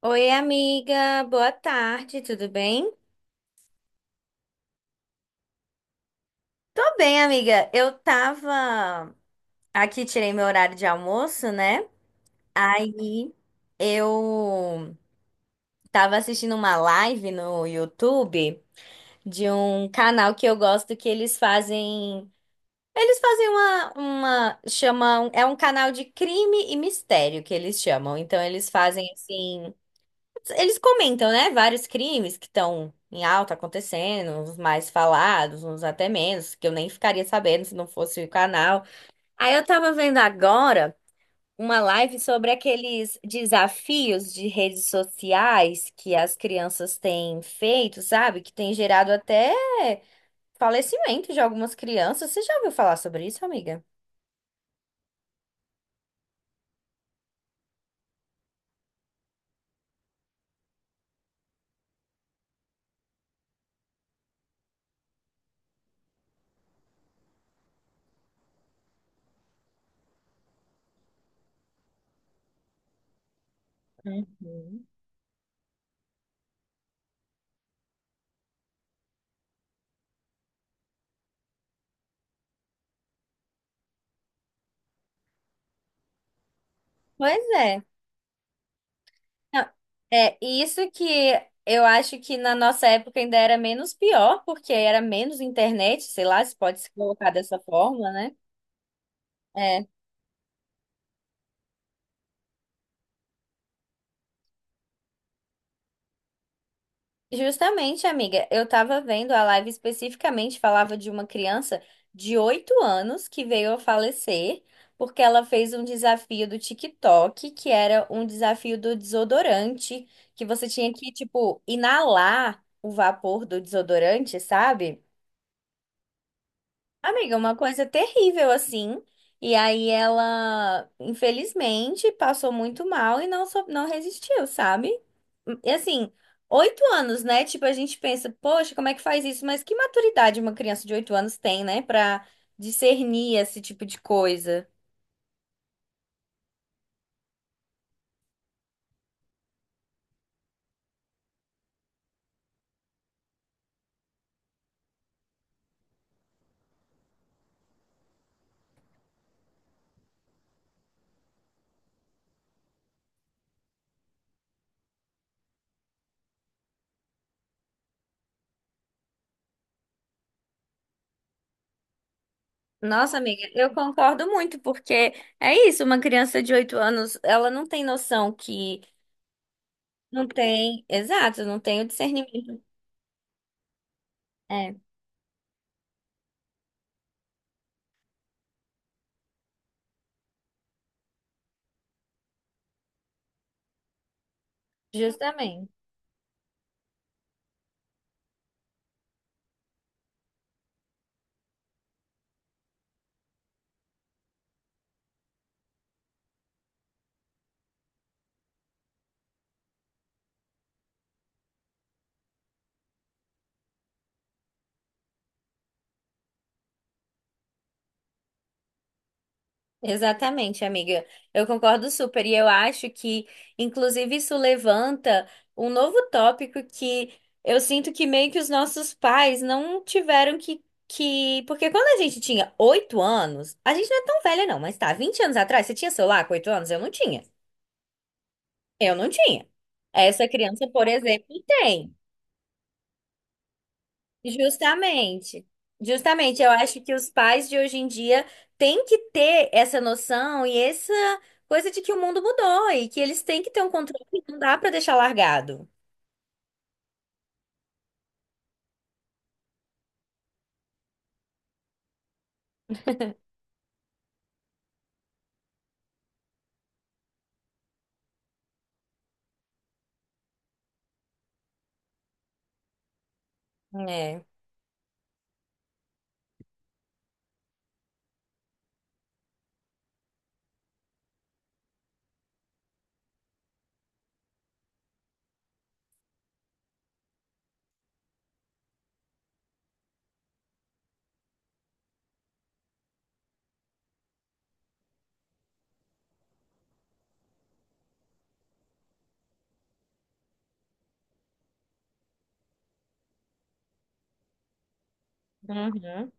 Oi, amiga, boa tarde, tudo bem? Tô bem, amiga. Eu tava aqui, tirei meu horário de almoço, né? Aí eu tava assistindo uma live no YouTube de um canal que eu gosto que eles fazem. Eles fazem é um canal de crime e mistério que eles chamam. Então eles fazem assim. Eles comentam, né, vários crimes que estão em alta acontecendo, uns mais falados, uns até menos, que eu nem ficaria sabendo se não fosse o canal. Aí eu tava vendo agora uma live sobre aqueles desafios de redes sociais que as crianças têm feito, sabe? Que tem gerado até falecimento de algumas crianças. Você já ouviu falar sobre isso, amiga? Uhum. Pois é. Não, é isso que eu acho que na nossa época ainda era menos pior, porque era menos internet, sei lá, se pode se colocar dessa forma, né? É, justamente, amiga, eu tava vendo a live especificamente, falava de uma criança de 8 anos que veio a falecer porque ela fez um desafio do TikTok, que era um desafio do desodorante, que você tinha que, tipo, inalar o vapor do desodorante, sabe? Amiga, uma coisa terrível assim. E aí ela, infelizmente, passou muito mal e não, não resistiu, sabe? E assim, 8 anos, né? Tipo, a gente pensa, poxa, como é que faz isso? Mas que maturidade uma criança de 8 anos tem, né? Pra discernir esse tipo de coisa. Nossa, amiga, eu concordo muito, porque é isso, uma criança de 8 anos, ela não tem noção que não tem, exato, não tem o discernimento. É, justamente. Exatamente, amiga. Eu concordo super. E eu acho que, inclusive, isso levanta um novo tópico que eu sinto que meio que os nossos pais não tiveram. Porque quando a gente tinha 8 anos, a gente não é tão velha, não, mas tá, 20 anos atrás, você tinha celular com 8 anos? Eu não tinha. Eu não tinha. Essa criança, por exemplo, tem. Justamente, justamente, eu acho que os pais de hoje em dia têm que ter essa noção e essa coisa de que o mundo mudou e que eles têm que ter um controle, não dá para deixar largado. É. Uhum.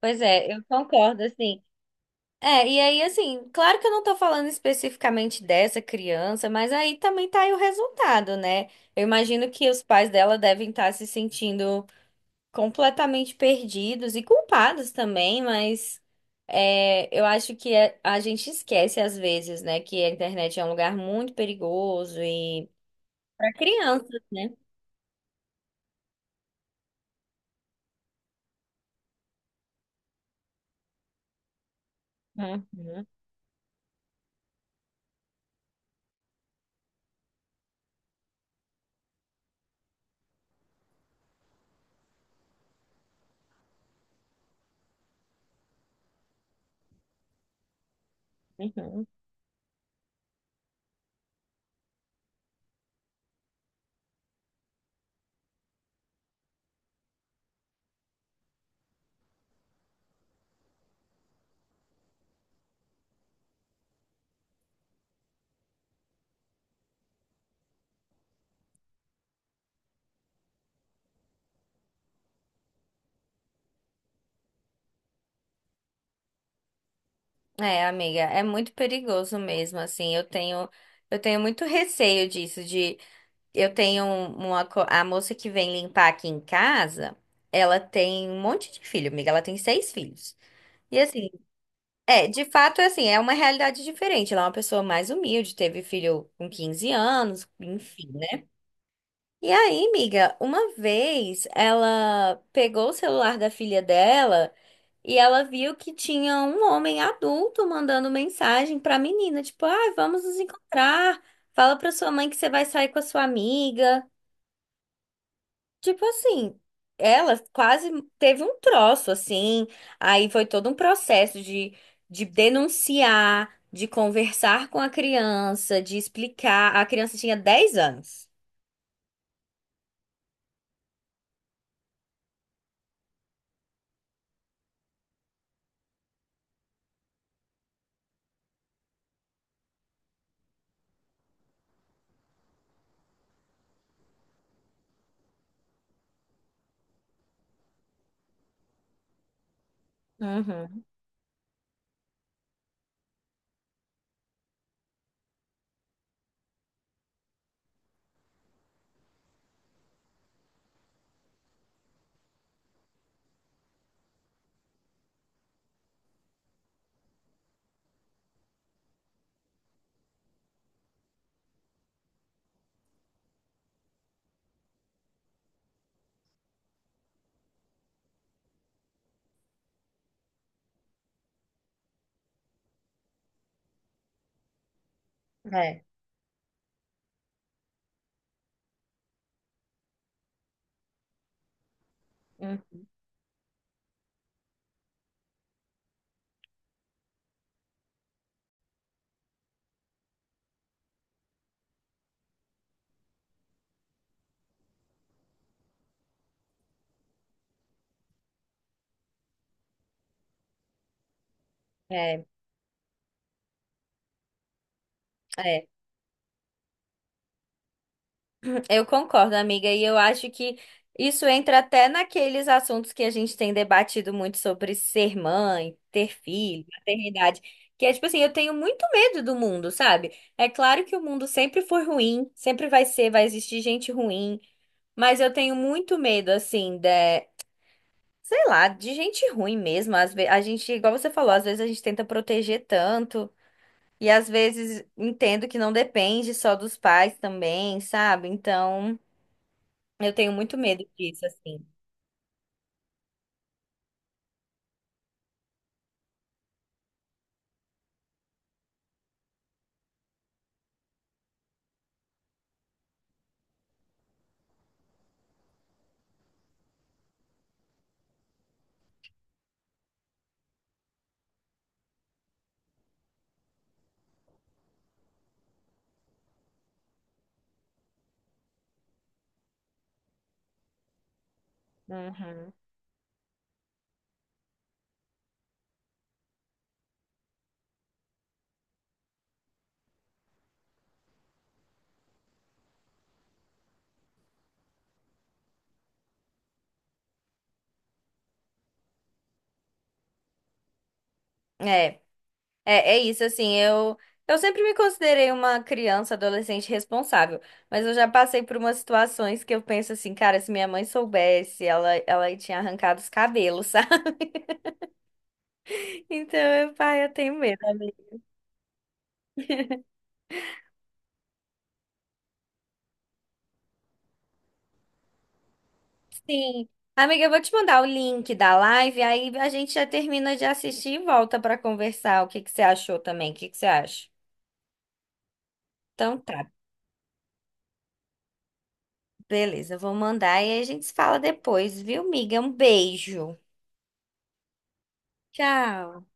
Pois é, eu concordo, assim. É, e aí, assim, claro que eu não tô falando especificamente dessa criança, mas aí também tá aí o resultado, né? Eu imagino que os pais dela devem estar se sentindo completamente perdidos e culpados também, mas é, eu acho que a gente esquece às vezes, né, que a internet é um lugar muito perigoso e para crianças, né? Uhum, uhum. É, amiga, é muito perigoso mesmo, assim, eu tenho muito receio disso de eu tenho uma co- A moça que vem limpar aqui em casa, ela tem um monte de filho, amiga, ela tem seis filhos. E assim, é, de fato, é assim, é uma realidade diferente. Ela é uma pessoa mais humilde, teve filho com 15 anos, enfim, né? E aí, amiga, uma vez ela pegou o celular da filha dela e ela viu que tinha um homem adulto mandando mensagem pra menina, tipo, ah, vamos nos encontrar. Fala pra sua mãe que você vai sair com a sua amiga. Tipo assim, ela quase teve um troço, assim. Aí foi todo um processo de, denunciar, de conversar com a criança, de explicar. A criança tinha 10 anos. Uhum. É, hum, é, é. Eu concordo, amiga, e eu acho que isso entra até naqueles assuntos que a gente tem debatido muito sobre ser mãe, ter filho, maternidade, que é tipo assim, eu tenho muito medo do mundo, sabe? É claro que o mundo sempre foi ruim, sempre vai ser, vai existir gente ruim, mas eu tenho muito medo, assim, de, sei lá, de gente ruim mesmo. Às vezes, a gente, igual você falou, às vezes a gente tenta proteger tanto, e às vezes entendo que não depende só dos pais também, sabe? Então. Eu tenho muito medo disso, assim. Uhum. É, é isso, assim, eu sempre me considerei uma criança, adolescente responsável, mas eu já passei por umas situações que eu penso assim, cara, se minha mãe soubesse, ela tinha arrancado os cabelos, sabe? Então, pai, eu tenho medo, amiga. Sim. Amiga, eu vou te mandar o link da live, aí a gente já termina de assistir e volta pra conversar. O que que você achou também? O que que você acha? Então tá. Beleza, vou mandar e aí a gente se fala depois, viu, miga? Um beijo. Tchau.